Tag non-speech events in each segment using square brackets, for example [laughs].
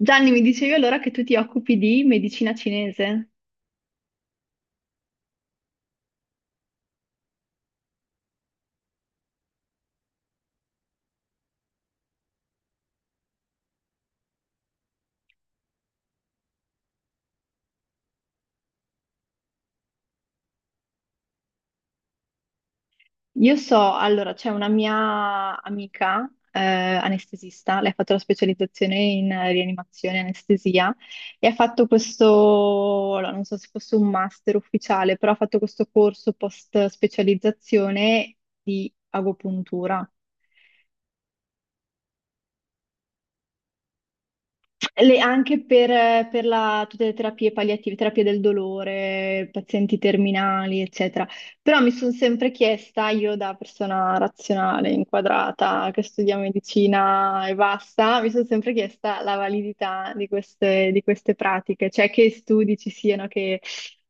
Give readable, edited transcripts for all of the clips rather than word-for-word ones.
Gianni, mi dicevi allora che tu ti occupi di medicina cinese. Io so, allora, c'è una mia amica anestesista, lei ha fatto la specializzazione in rianimazione e anestesia e ha fatto questo, allora, non so se fosse un master ufficiale, però ha fatto questo corso post specializzazione di agopuntura. Anche per, tutte le terapie palliative, terapie del dolore, pazienti terminali, eccetera. Però mi sono sempre chiesta, io da persona razionale, inquadrata, che studia medicina e basta, mi sono sempre chiesta la validità di queste pratiche, cioè che studi ci siano che,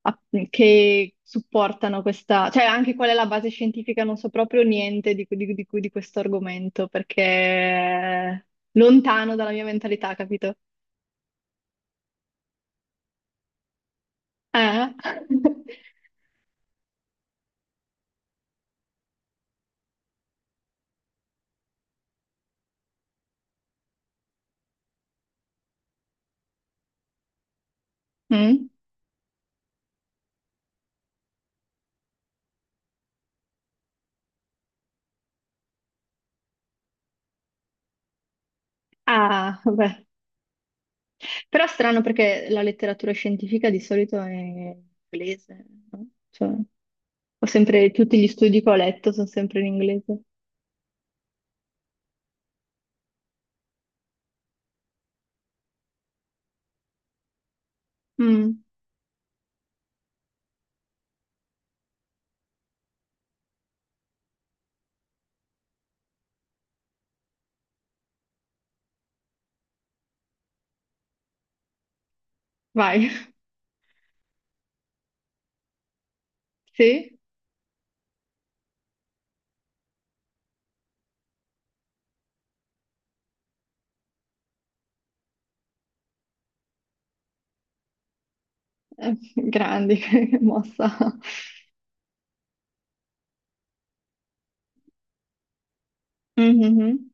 a- che supportano questa, cioè anche qual è la base scientifica, non so proprio niente di, di questo argomento, perché è lontano dalla mia mentalità, capito? Eh? [laughs] Mm? Ah, vabbè. Però strano perché la letteratura scientifica di solito è inglese, no? Cioè, ho sempre, tutti gli studi che ho letto sono sempre in inglese. Mm. Vai. [laughs] Sì? Grandi, [laughs] che mossa. Mhm.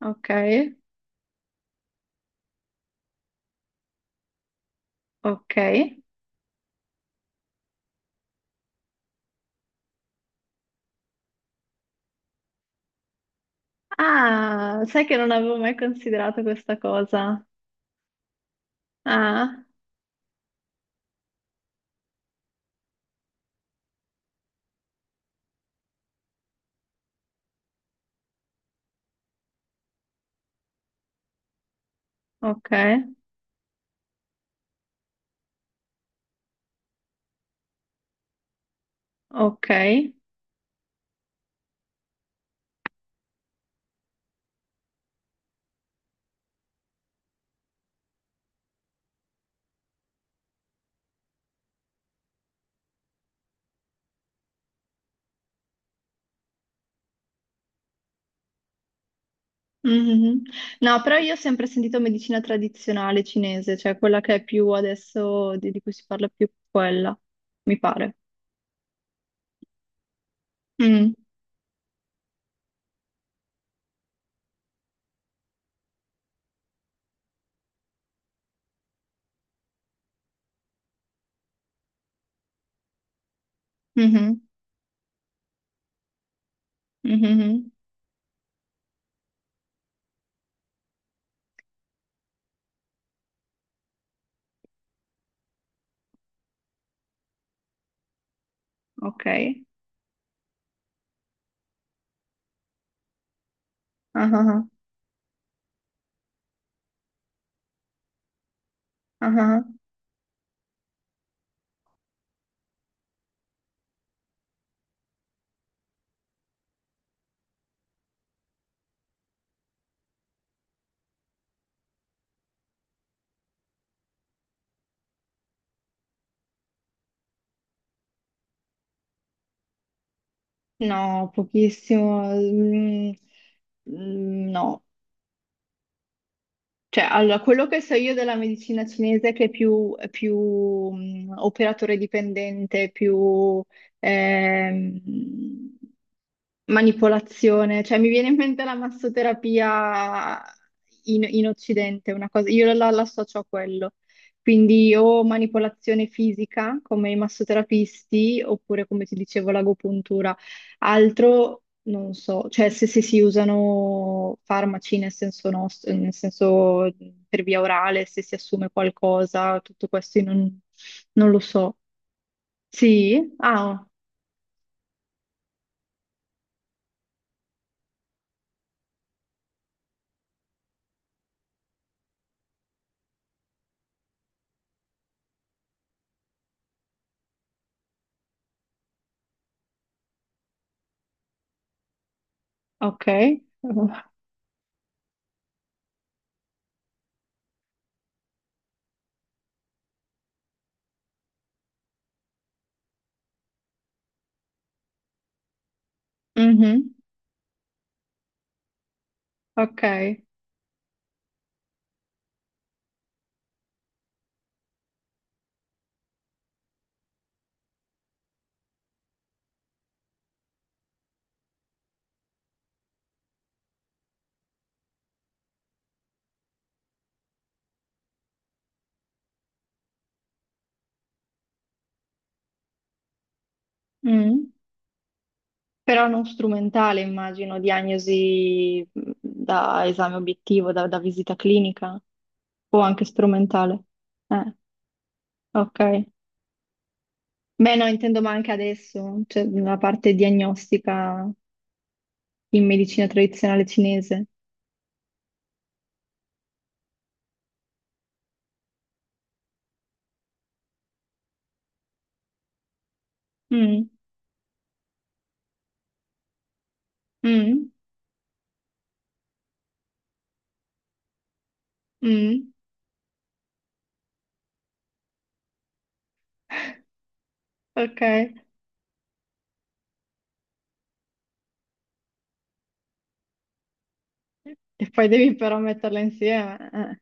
Ok, ok. Ah, sai che non avevo mai considerato questa cosa. Ah, ok, ok. Mhm. No, però io ho sempre sentito medicina tradizionale cinese, cioè quella che è più adesso, di cui si parla più quella, mi pare. Mm. Mhm. Mhm. Ok. Ah ah ah. Ah ah. No, pochissimo. Mm. Mm, no. Cioè, allora, quello che so io della medicina cinese è che è più operatore dipendente, più... ehm, manipolazione, cioè mi viene in mente la massoterapia in, in Occidente, una cosa, io la, la associo a quello. Quindi o manipolazione fisica come i massoterapisti, oppure come ti dicevo l'agopuntura. Altro non so, cioè se, se si usano farmaci nel senso nostro, nel senso per via orale, se si assume qualcosa, tutto questo io non, non lo so. Sì? Ah, ok. [laughs] Mhm. Ok. Mm. Però non strumentale, immagino, diagnosi da esame obiettivo, da, da visita clinica o anche strumentale. Eh, ok. Beh, no, intendo ma anche adesso, cioè la parte diagnostica in medicina tradizionale cinese. Mm, mm, mm, ok. E poi devi però metterla insieme, eh.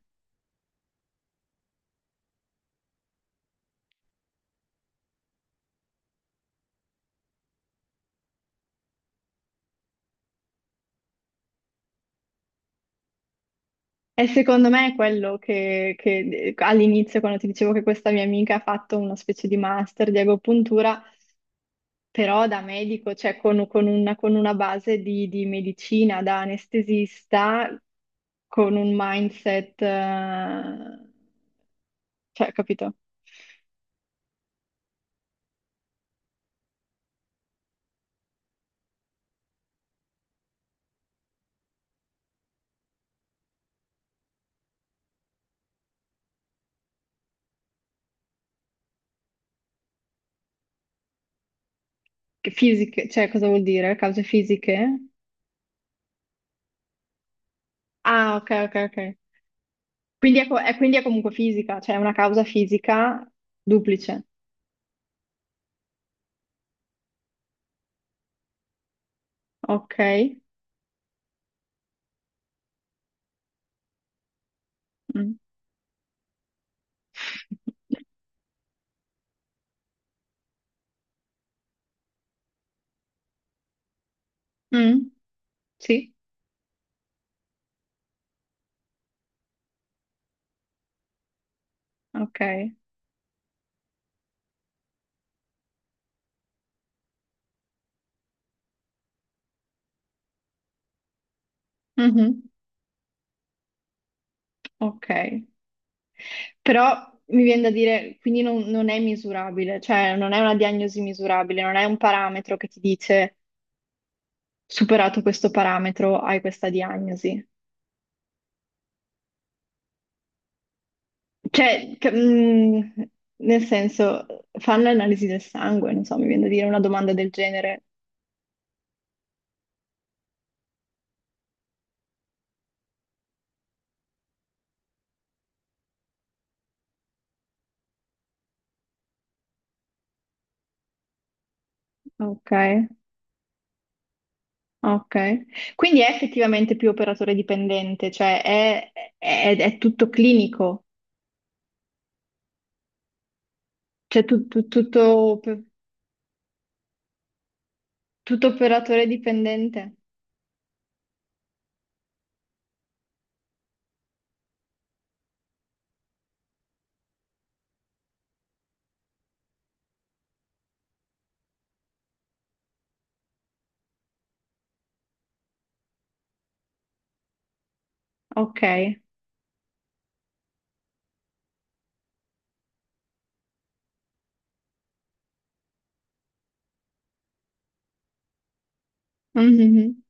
E secondo me è quello che all'inizio, quando ti dicevo che questa mia amica ha fatto una specie di master di agopuntura, però da medico, cioè con una base di medicina, da anestesista, con un mindset, cioè, capito? Che fisiche, cioè cosa vuol dire? Cause fisiche? Ah, ok, ok, ok. Quindi è, quindi è comunque fisica, cioè è una causa fisica duplice. Ok. Mm. [laughs] Mm, sì, ok. Mhm. Ok. Però mi viene da dire, quindi non, non è misurabile, cioè non è una diagnosi misurabile, non è un parametro che ti dice superato questo parametro hai questa diagnosi. Cioè, nel senso, fanno analisi del sangue, non so, mi viene da dire una domanda del genere. Ok, ok. Quindi è effettivamente più operatore dipendente, cioè è, è tutto clinico, cioè tutto, tutto operatore dipendente. Ok. Mhm.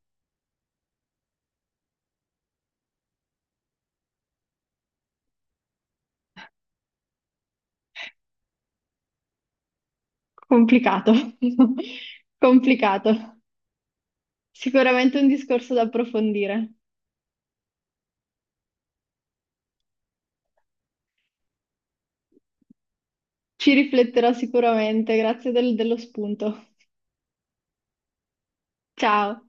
Complicato, [laughs] complicato. Sicuramente un discorso da approfondire. Ci rifletterò sicuramente, grazie dello spunto. Ciao.